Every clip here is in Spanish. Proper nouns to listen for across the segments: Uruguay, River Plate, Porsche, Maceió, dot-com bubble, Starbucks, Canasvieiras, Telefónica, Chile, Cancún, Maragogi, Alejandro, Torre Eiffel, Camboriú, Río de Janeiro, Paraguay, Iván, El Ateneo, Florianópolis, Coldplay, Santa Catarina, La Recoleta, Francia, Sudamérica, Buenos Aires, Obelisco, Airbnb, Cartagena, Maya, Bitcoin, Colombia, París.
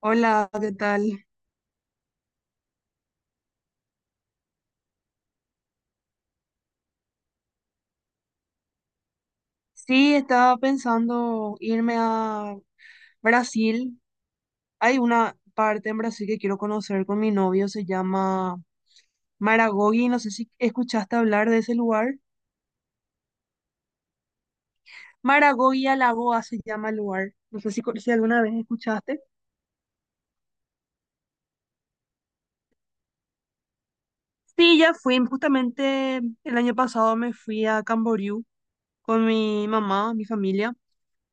Hola, ¿qué tal? Sí, estaba pensando irme a Brasil. Hay una parte en Brasil que quiero conocer con mi novio, se llama Maragogi. No sé si escuchaste hablar de ese lugar. Maragogi Alagoa se llama el lugar. No sé si, si alguna vez escuchaste. Sí, ya fui. Justamente el año pasado me fui a Camboriú con mi mamá, mi familia.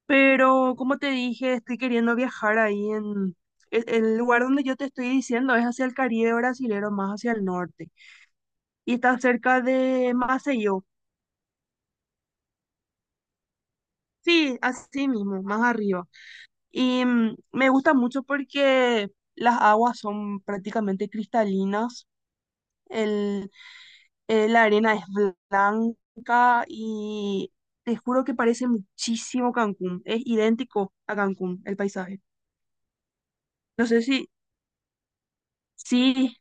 Pero como te dije, estoy queriendo viajar ahí en... El lugar donde yo te estoy diciendo es hacia el Caribe brasilero, más hacia el norte. Y está cerca de Maceió. Sí, así mismo, más arriba. Y me gusta mucho porque las aguas son prácticamente cristalinas. El, la arena es blanca y te juro que parece muchísimo Cancún. Es idéntico a Cancún, el paisaje. No sé si... Sí.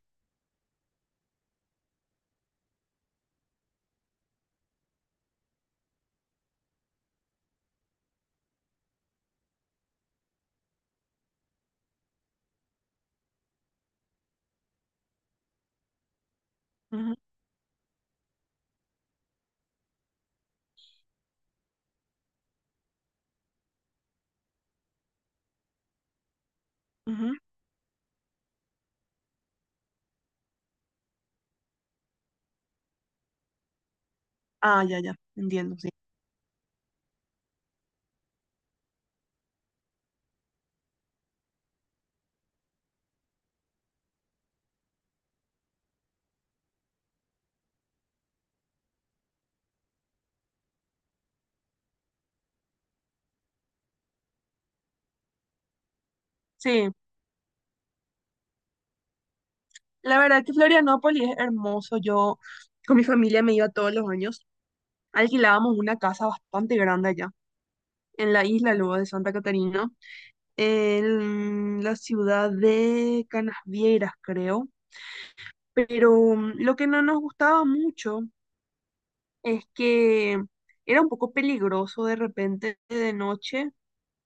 Ujú. Ah, ya, ya, entiendo, sí. Sí, la verdad que Florianópolis es hermoso. Yo con mi familia me iba todos los años. Alquilábamos una casa bastante grande allá, en la isla luego de Santa Catarina, en la ciudad de Canasvieiras, creo. Pero lo que no nos gustaba mucho es que era un poco peligroso de repente de noche,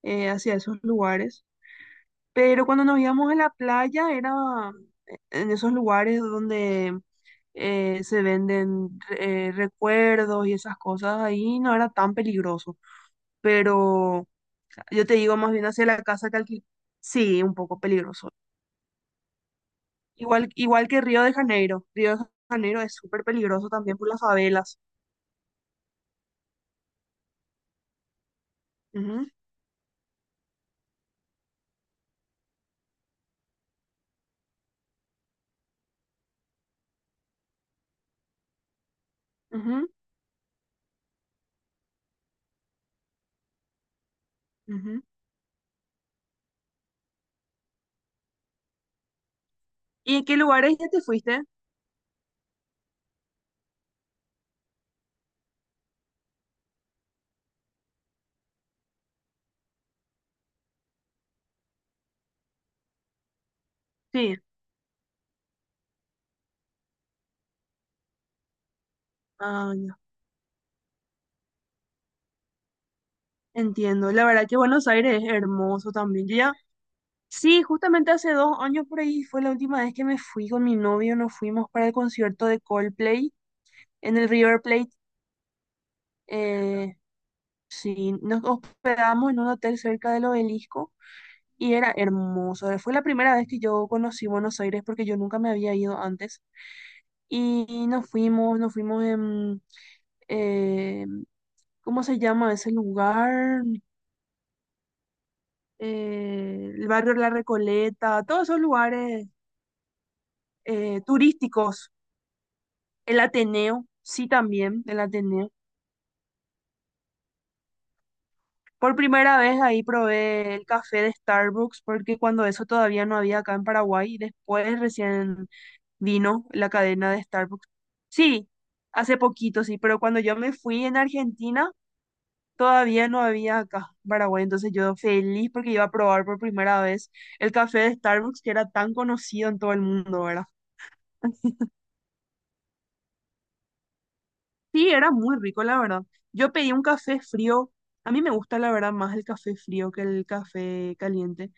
hacia esos lugares. Pero cuando nos íbamos a la playa era en esos lugares donde se venden recuerdos y esas cosas, ahí no era tan peligroso. Pero yo te digo más bien hacia la casa que sí, un poco peligroso. Igual, igual que Río de Janeiro. Río de Janeiro es súper peligroso también por las favelas. Ujú, ujú, ujú. ¿Y en qué lugares ya te fuiste? Sí. Ah, ya. Entiendo. La verdad que Buenos Aires es hermoso también. Yo ya sí, justamente hace 2 años por ahí fue la última vez que me fui con mi novio, nos fuimos para el concierto de Coldplay en el River Plate. Eh, sí, nos hospedamos en un hotel cerca del Obelisco y era hermoso. Fue la primera vez que yo conocí Buenos Aires porque yo nunca me había ido antes. Y nos fuimos en, eh, ¿cómo se llama ese lugar? El barrio La Recoleta, todos esos lugares turísticos. El Ateneo, sí también, el Ateneo. Por primera vez ahí probé el café de Starbucks, porque cuando eso todavía no había acá en Paraguay, y después recién vino la cadena de Starbucks. Sí, hace poquito, sí, pero cuando yo me fui en Argentina, todavía no había acá en Paraguay, entonces yo feliz porque iba a probar por primera vez el café de Starbucks, que era tan conocido en todo el mundo, ¿verdad? Sí, era muy rico, la verdad. Yo pedí un café frío. A mí me gusta, la verdad, más el café frío que el café caliente.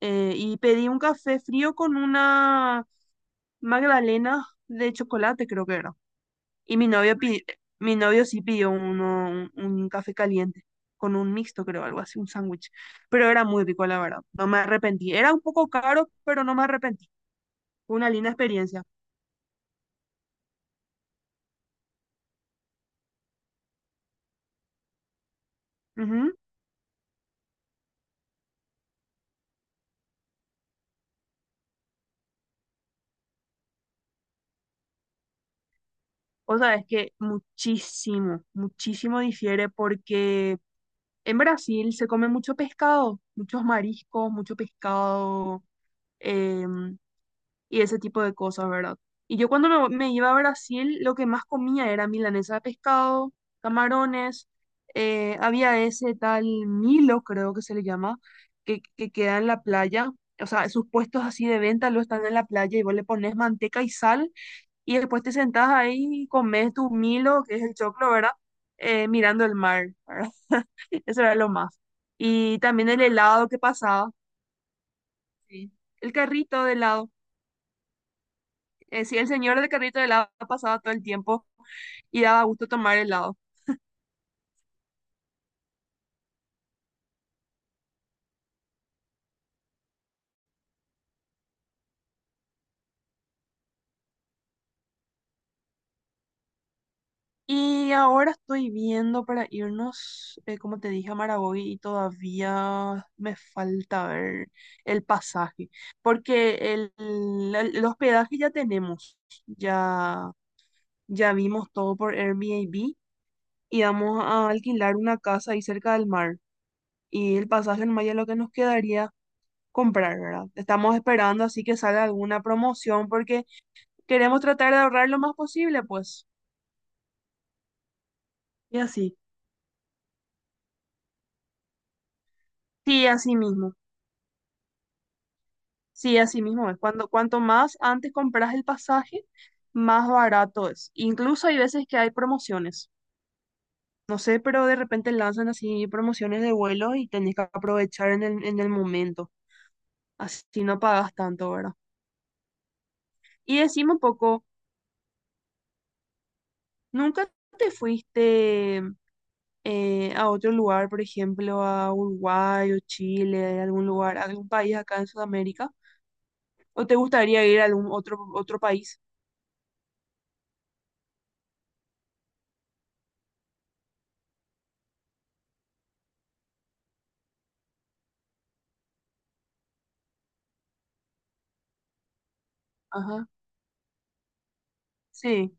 Y pedí un café frío con una magdalena de chocolate, creo que era. Y mi novio sí pidió uno, un café caliente, con un mixto, creo, algo así, un sándwich. Pero era muy rico, la verdad. No me arrepentí. Era un poco caro, pero no me arrepentí. Fue una linda experiencia. Ujú. O sea, es que muchísimo, muchísimo difiere porque... En Brasil se come mucho pescado, muchos mariscos, mucho pescado, em, y ese tipo de cosas, ¿verdad? Y yo cuando me iba a Brasil, lo que más comía era milanesa de pescado, camarones, había ese tal Milo, creo que se le llama, que queda en la playa. O sea, sus puestos así de venta lo están en la playa y vos le pones manteca y sal y después te sentás ahí y comes tu Milo, que es el choclo, ¿verdad? Mirando el mar, ¿verdad? Eso era lo más. Y también el helado que pasaba. Sí. El carrito de helado. Sí, el señor del carrito de helado pasaba todo el tiempo y daba gusto tomar helado. Y ahora estoy viendo para irnos, como te dije, a Maragogi y todavía me falta ver el pasaje, porque el hospedaje ya tenemos, ya, ya vimos todo por Airbnb y vamos a alquilar una casa ahí cerca del mar. Y el pasaje en Maya lo que nos quedaría comprar, ¿verdad? Estamos esperando así que salga alguna promoción porque queremos tratar de ahorrar lo más posible, pues. Y así, sí, así mismo, sí, así mismo es. Cuando, cuanto más antes compras el pasaje, más barato es. Incluso hay veces que hay promociones. No sé, pero de repente lanzan así promociones de vuelo y tenés que aprovechar en el momento. Así no pagas tanto, ¿verdad? Y decime un poco, ¿nunca te fuiste a otro lugar, por ejemplo, a Uruguay o Chile, algún lugar, algún país acá en Sudamérica? ¿O te gustaría ir a algún otro, otro país? Ajá, sí,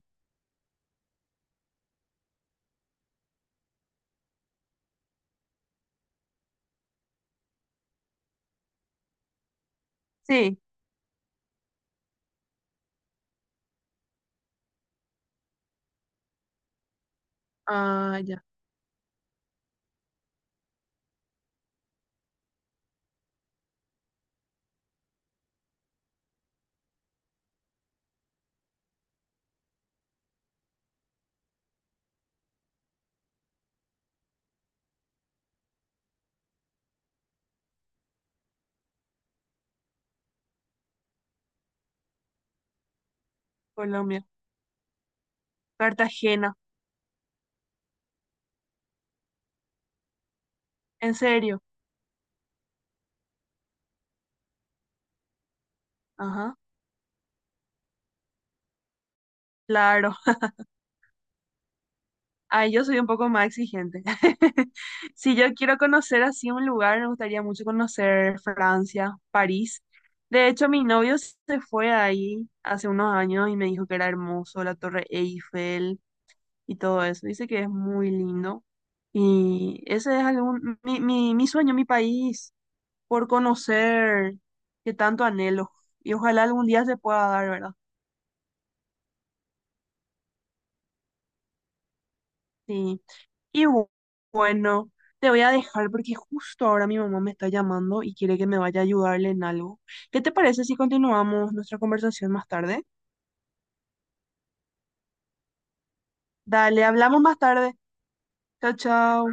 sí, ah, ya, Colombia, Cartagena, en serio, ajá, claro. Ay, yo soy un poco más exigente. Si yo quiero conocer así un lugar, me gustaría mucho conocer Francia, París. De hecho, mi novio se fue ahí hace unos años y me dijo que era hermoso, la Torre Eiffel, y todo eso. Dice que es muy lindo. Y ese es algún, mi sueño, mi país, por conocer, que tanto anhelo. Y ojalá algún día se pueda dar, ¿verdad? Sí. Y bueno, te voy a dejar porque justo ahora mi mamá me está llamando y quiere que me vaya a ayudarle en algo. ¿Qué te parece si continuamos nuestra conversación más tarde? Dale, hablamos más tarde. Chao, chao.